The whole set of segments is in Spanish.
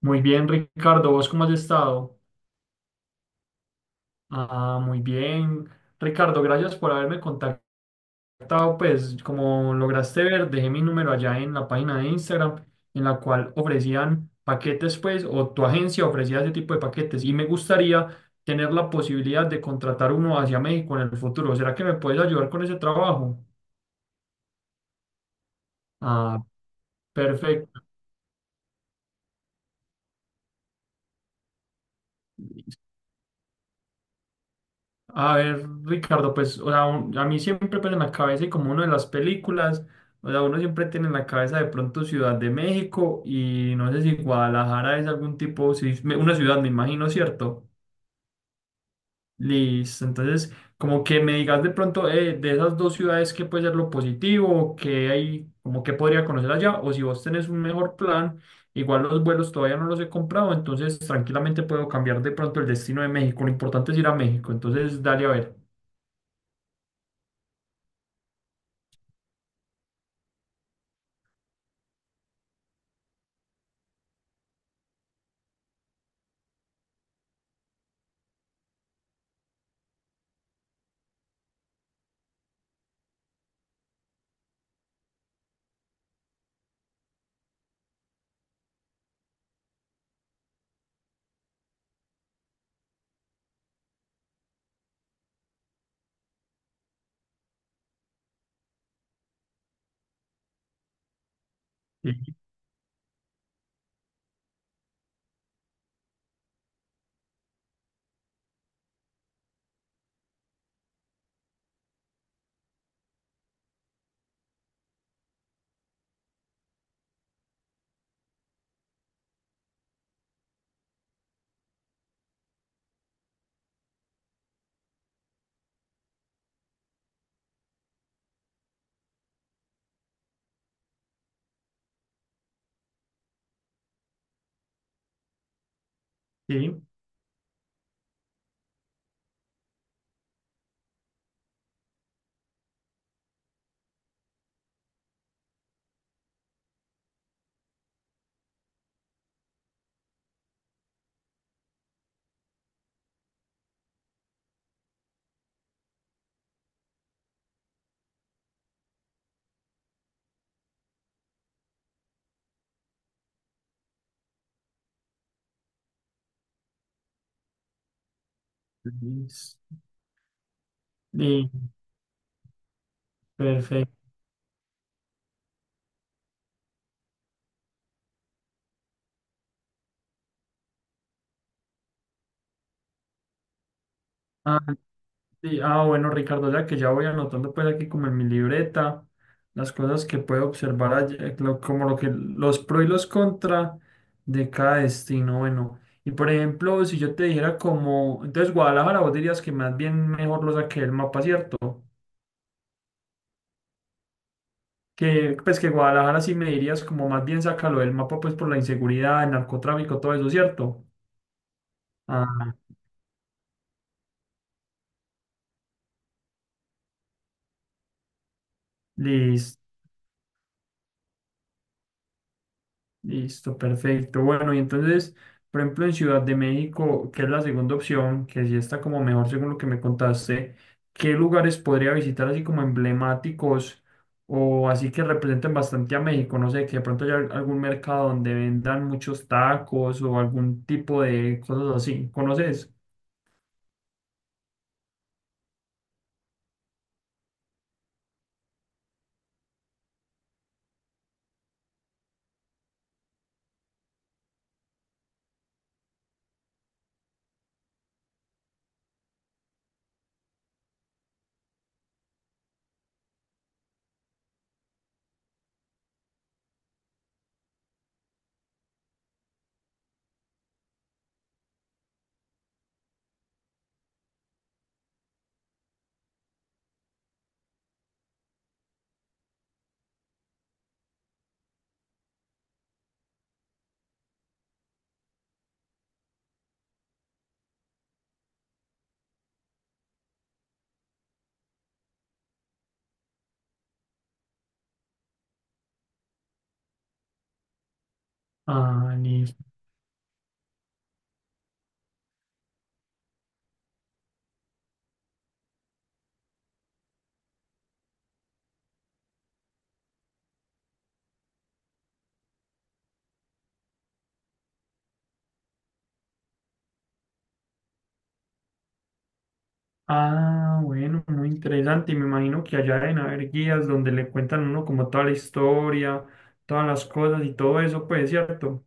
Muy bien, Ricardo, ¿vos cómo has estado? Ah, muy bien. Ricardo, gracias por haberme contactado. Pues como lograste ver, dejé mi número allá en la página de Instagram, en la cual ofrecían paquetes, pues, o tu agencia ofrecía ese tipo de paquetes. Y me gustaría tener la posibilidad de contratar uno hacia México en el futuro. ¿Será que me puedes ayudar con ese trabajo? Ah, perfecto. A ver, Ricardo, pues, o sea, a mí siempre pues en la cabeza y como uno de las películas, o sea, uno siempre tiene en la cabeza de pronto Ciudad de México y no sé si Guadalajara es algún tipo, si es una ciudad, me imagino, ¿cierto? Listo, entonces, como que me digas de pronto de esas dos ciudades, ¿qué puede ser lo positivo? ¿Qué hay, como que podría conocer allá? O si vos tenés un mejor plan, igual los vuelos todavía no los he comprado, entonces tranquilamente puedo cambiar de pronto el destino de México, lo importante es ir a México, entonces dale a ver. Sí. Sí, Luis, y perfecto. Ah, sí, ah, bueno, Ricardo, ya que ya voy anotando pues aquí como en mi libreta las cosas que puedo observar allí, como lo que los pro y los contra de cada destino. Bueno, y por ejemplo, si yo te dijera como, entonces Guadalajara, vos dirías que más bien mejor lo saqué del mapa, ¿cierto? Que pues que Guadalajara sí me dirías como más bien sácalo del mapa pues por la inseguridad, el narcotráfico, todo eso, ¿cierto? Ah, listo. Listo, perfecto. Bueno, y entonces, por ejemplo, en Ciudad de México, que es la segunda opción, que sí está como mejor según lo que me contaste, ¿qué lugares podría visitar así como emblemáticos o así que representen bastante a México? No sé, que de pronto haya algún mercado donde vendan muchos tacos o algún tipo de cosas así. ¿Conoces? Ah, listo. Ah, bueno, muy interesante. Y me imagino que allá deben haber guías donde le cuentan a uno como toda la historia, todas las cosas y todo eso, pues, ¿cierto?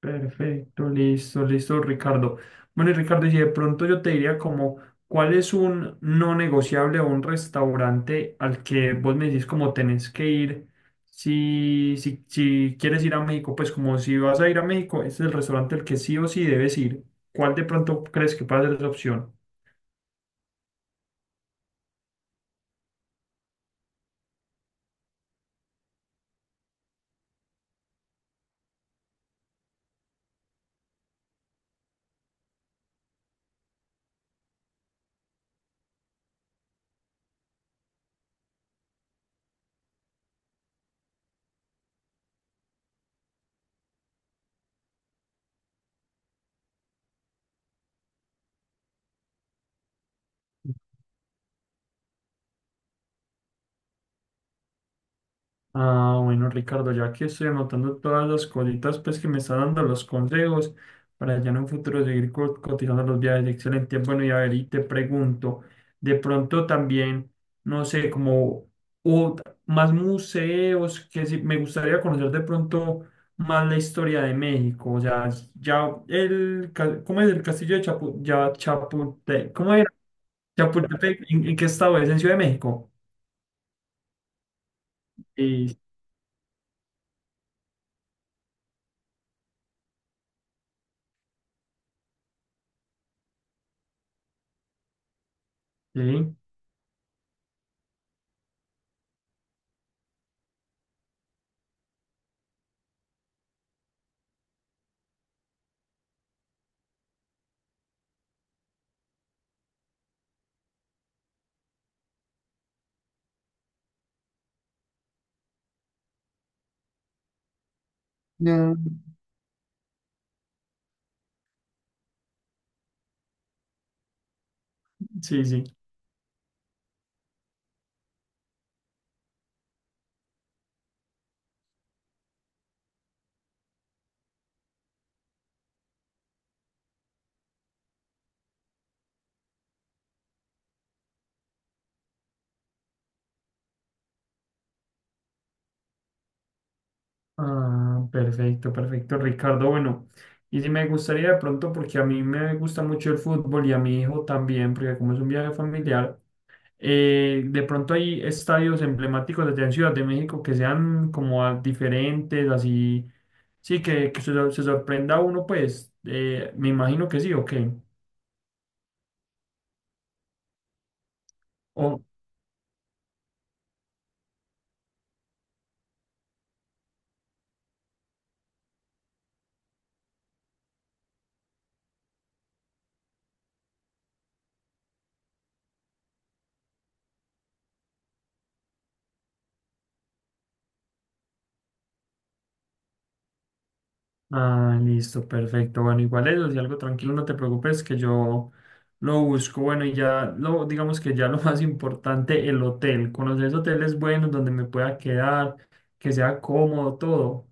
Perfecto, listo, listo, Ricardo. Bueno, y Ricardo, y si de pronto yo te diría como, ¿cuál es un no negociable o un restaurante al que vos me decís como tenés que ir? Si, si, si quieres ir a México, pues como si vas a ir a México, este es el restaurante al que sí o sí debes ir. ¿Cuál de pronto crees que puede ser esa opción? Ah, bueno, Ricardo, ya que estoy anotando todas las cositas pues, que me están dando los consejos para ya en un futuro seguir cotizando los viajes. Excelente. Bueno, y a ver, y te pregunto, de pronto también, no sé, como o más museos, que sí, me gustaría conocer de pronto más la historia de México. O sea, ¿cómo es el castillo de Chapultepec? ¿Cómo era? Chapultepec, en qué estado es? ¿En Ciudad de México? Sí, sí. No, sí, sí. Ah, perfecto, perfecto, Ricardo. Bueno, y si me gustaría de pronto, porque a mí me gusta mucho el fútbol y a mi hijo también, porque como es un viaje familiar, de pronto hay estadios emblemáticos allá en Ciudad de México que sean como diferentes, así, sí, que, se sorprenda uno, pues, me imagino que sí, ¿o qué? Ah, listo, perfecto. Bueno, igual eso, si algo tranquilo, no te preocupes, que yo lo busco. Bueno, y ya lo, digamos que ya lo más importante, el hotel. Conocer hoteles buenos donde me pueda quedar, que sea cómodo, todo.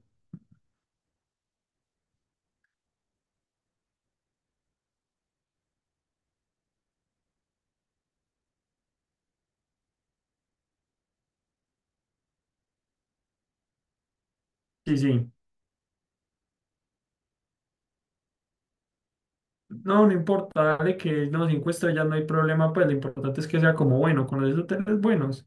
Sí, sí. No, no importa, dale que no, cinco estrellas no hay problema, pues lo importante es que sea como bueno, conocer hoteles buenos.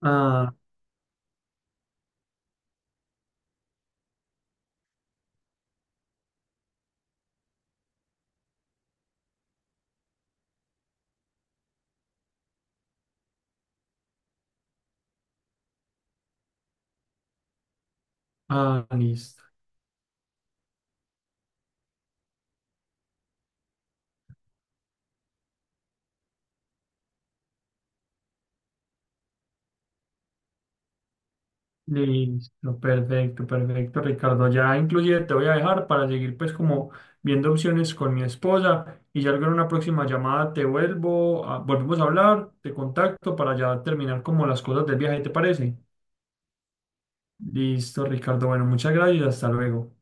Ah, ah, listo. Listo, perfecto, perfecto, Ricardo. Ya inclusive te voy a dejar para seguir pues como viendo opciones con mi esposa y ya luego en una próxima llamada te vuelvo, volvemos a hablar, te contacto para ya terminar como las cosas del viaje, ¿te parece? Listo, Ricardo. Bueno, muchas gracias, y hasta luego.